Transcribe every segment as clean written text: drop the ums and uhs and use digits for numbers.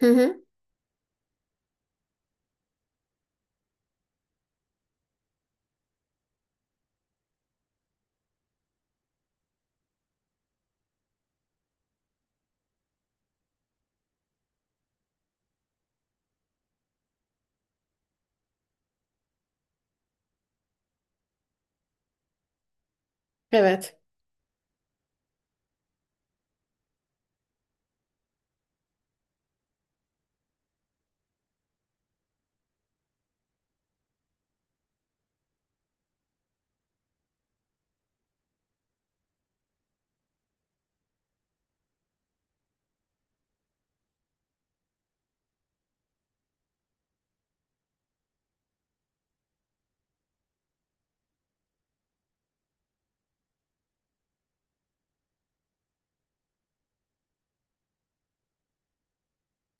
Hı hı. Evet.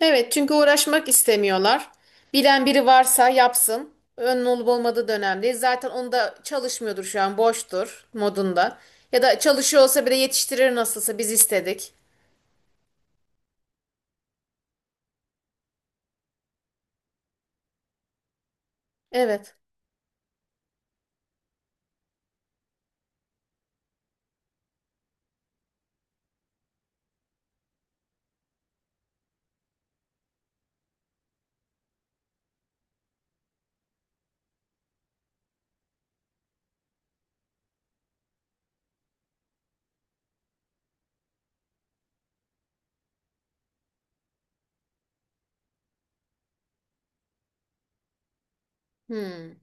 Evet çünkü uğraşmak istemiyorlar. Bilen biri varsa yapsın. Önün olup olmadığı da önemli değil. Zaten onu da çalışmıyordur şu an boştur modunda. Ya da çalışıyor olsa bile yetiştirir nasılsa biz istedik. Evet. Hmm.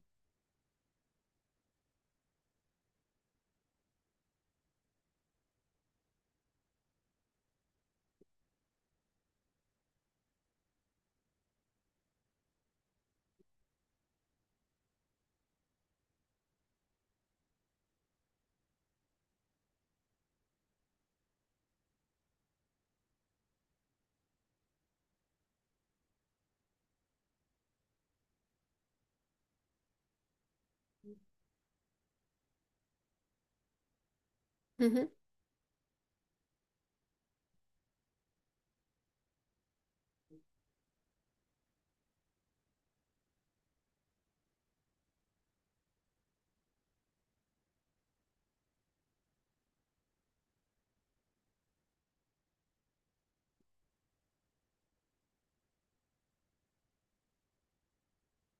Hı hı.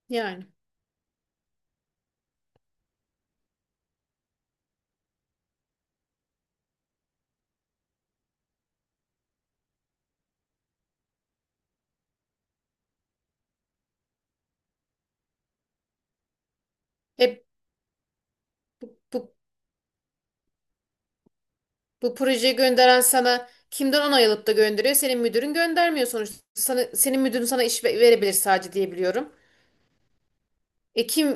Yani. E, bu, bu projeyi gönderen sana kimden onay alıp da gönderiyor? Senin müdürün göndermiyor sonuçta. Senin müdürün sana iş verebilir sadece diye biliyorum. E kim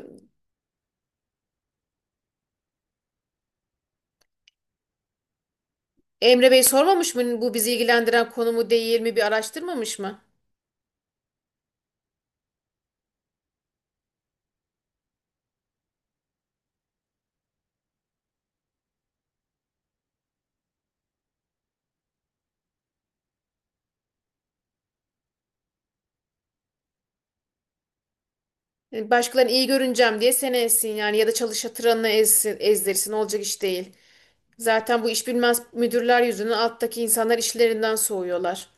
Emre Bey sormamış mı bu bizi ilgilendiren konu mu değil mi, bir araştırmamış mı? Yani başkalarını iyi görüneceğim diye seni ezsin yani, ya da çalışatıranını ezsin, ezdirsin, olacak iş değil. Zaten bu iş bilmez müdürler yüzünden alttaki insanlar işlerinden soğuyorlar.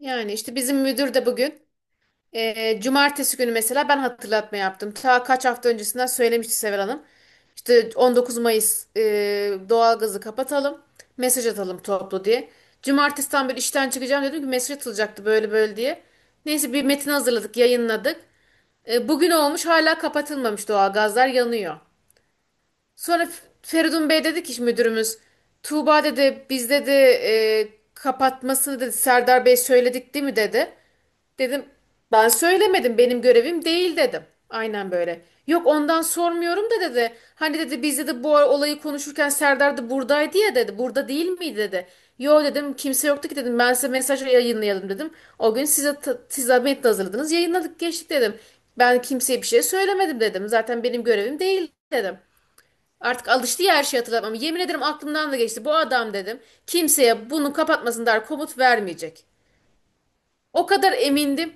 Yani işte bizim müdür de bugün, cumartesi günü mesela ben hatırlatma yaptım. Ta kaç hafta öncesinden söylemişti Sever Hanım. İşte 19 Mayıs doğalgazı kapatalım, mesaj atalım toplu diye. Cumartesiden beri işten çıkacağım dedim ki mesaj atılacaktı böyle böyle diye. Neyse bir metin hazırladık, yayınladık. Bugün olmuş hala kapatılmamış, doğalgazlar yanıyor. Sonra Feridun Bey dedi ki işte müdürümüz, Tuğba dedi, biz dedi kapatmasını dedi, Serdar Bey söyledik değil mi dedi. Dedim, ben söylemedim, benim görevim değil dedim. Aynen böyle. Yok ondan sormuyorum da dedi. Hani dedi, biz dedi bu olayı konuşurken Serdar da buradaydı ya dedi. Burada değil miydi dedi. Yo dedim, kimse yoktu ki dedim. Ben size mesaj yayınlayalım dedim. O gün size, siz zahmetle hazırladınız, yayınladık geçtik dedim. Ben kimseye bir şey söylemedim dedim. Zaten benim görevim değil dedim. Artık alıştı ya, her şeyi hatırlatmam. Yemin ederim aklımdan da geçti. Bu adam dedim, kimseye bunu kapatmasın der, komut vermeyecek. O kadar emindim.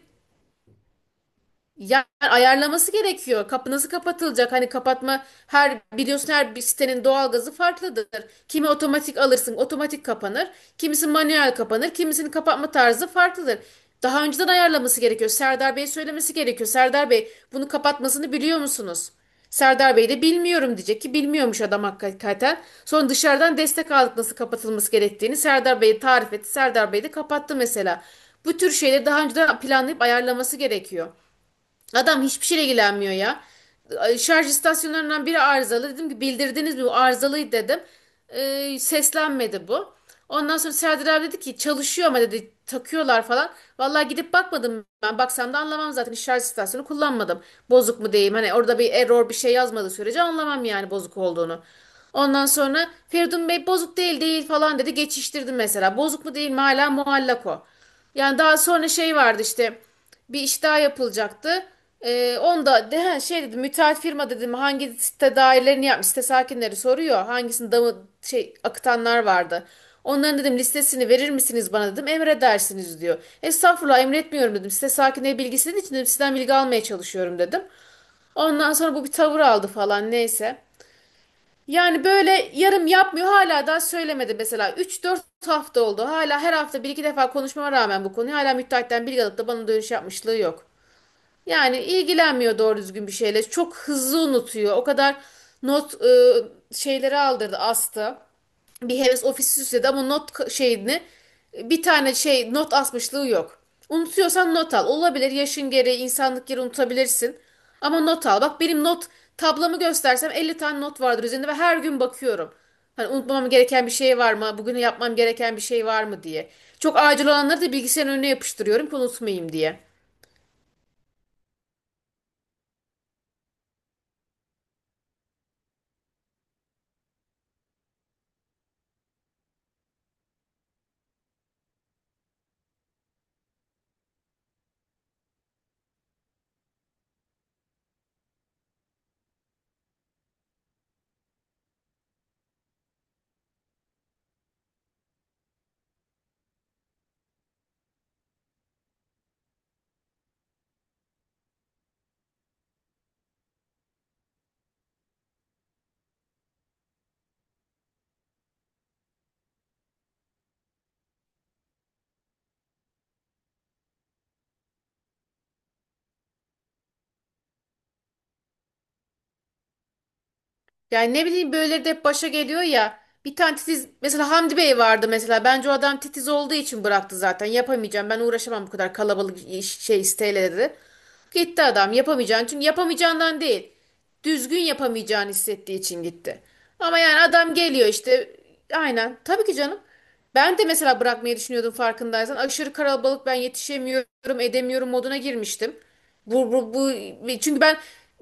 Ya ayarlaması gerekiyor. Kapı nasıl kapatılacak? Hani kapatma, her biliyorsun her bir sitenin doğalgazı farklıdır. Kimi otomatik alırsın, otomatik kapanır. Kimisi manuel kapanır, kimisinin kapatma tarzı farklıdır. Daha önceden ayarlaması gerekiyor. Serdar Bey söylemesi gerekiyor. Serdar Bey bunu kapatmasını biliyor musunuz? Serdar Bey de bilmiyorum diyecek ki, bilmiyormuş adam hakikaten. Sonra dışarıdan destek aldık nasıl kapatılması gerektiğini. Serdar Bey'e tarif etti. Serdar Bey de kapattı mesela. Bu tür şeyleri daha önceden planlayıp ayarlaması gerekiyor. Adam hiçbir şeyle ilgilenmiyor ya. Şarj istasyonlarından biri arızalı. Dedim ki, bildirdiniz mi, bu arızalıydı dedim. Seslenmedi bu. Ondan sonra Serdar abi dedi ki çalışıyor ama dedi, takıyorlar falan. Vallahi gidip bakmadım ben. Baksam da anlamam, zaten hiç şarj istasyonu kullanmadım. Bozuk mu diyeyim, hani orada bir error bir şey yazmadığı sürece anlamam yani bozuk olduğunu. Ondan sonra Feridun Bey bozuk değil falan dedi, geçiştirdim mesela. Bozuk mu değil mi hala muallak o. Yani daha sonra şey vardı işte, bir iş daha yapılacaktı. Şey dedim, müteahhit firma dedim hangi site dairelerini yapmış, site sakinleri soruyor. Hangisini damı şey akıtanlar vardı. Onların dedim listesini verir misiniz bana dedim, emredersiniz diyor. Estağfurullah, emretmiyorum dedim, site sakinleri bilgisinin için dedim sizden bilgi almaya çalışıyorum dedim. Ondan sonra bu bir tavır aldı falan, neyse. Yani böyle yarım yapmıyor, hala daha söylemedi mesela. 3-4 hafta oldu. Hala her hafta bir iki defa konuşmama rağmen bu konuyu hala müteahhitten bilgi alıp da bana dönüş yapmışlığı yok. Yani ilgilenmiyor doğru düzgün bir şeyle. Çok hızlı unutuyor. O kadar not şeyleri aldırdı, astı, bir heves ofisi süsledi ama not şeyini, bir tane şey not asmışlığı yok. Unutuyorsan not al. Olabilir, yaşın gereği, insanlık gereği unutabilirsin. Ama not al. Bak benim not tablamı göstersem 50 tane not vardır üzerinde ve her gün bakıyorum. Hani unutmam gereken bir şey var mı? Bugün yapmam gereken bir şey var mı diye. Çok acil olanları da bilgisayarın önüne yapıştırıyorum ki unutmayayım diye. Yani ne bileyim böyle de hep başa geliyor ya. Bir tane titiz mesela Hamdi Bey vardı mesela. Bence o adam titiz olduğu için bıraktı zaten. Yapamayacağım. Ben uğraşamam bu kadar kalabalık, şey isteyle dedi. Gitti adam yapamayacağını. Çünkü yapamayacağından değil. Düzgün yapamayacağını hissettiği için gitti. Ama yani adam geliyor işte. Aynen. Tabii ki canım. Ben de mesela bırakmayı düşünüyordum farkındaysan. Aşırı kalabalık, ben yetişemiyorum, edemiyorum moduna girmiştim. Bu çünkü ben,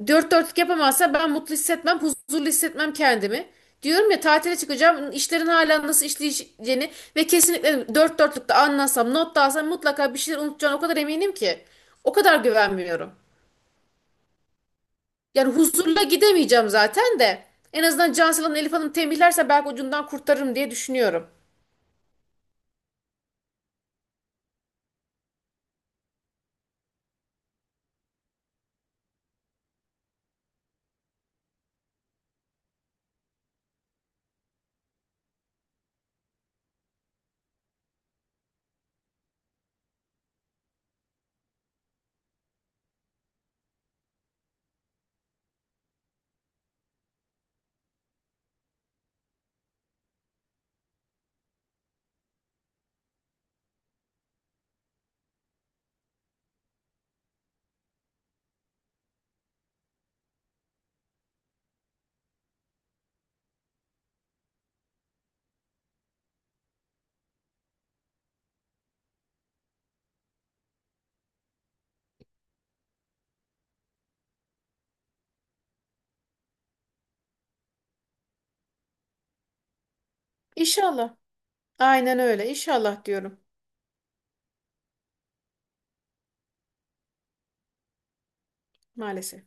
dört dörtlük yapamazsa ben mutlu hissetmem, huzurlu hissetmem kendimi. Diyorum ya, tatile çıkacağım, işlerin hala nasıl işleyeceğini ve kesinlikle dört dörtlükte anlasam, not da alsam mutlaka bir şeyler unutacağım, o kadar eminim ki. O kadar güvenmiyorum. Yani huzurla gidemeyeceğim zaten de. En azından Cansel'in Hanım, Elif Hanım tembihlerse belki ucundan kurtarırım diye düşünüyorum. İnşallah. Aynen öyle. İnşallah diyorum, maalesef.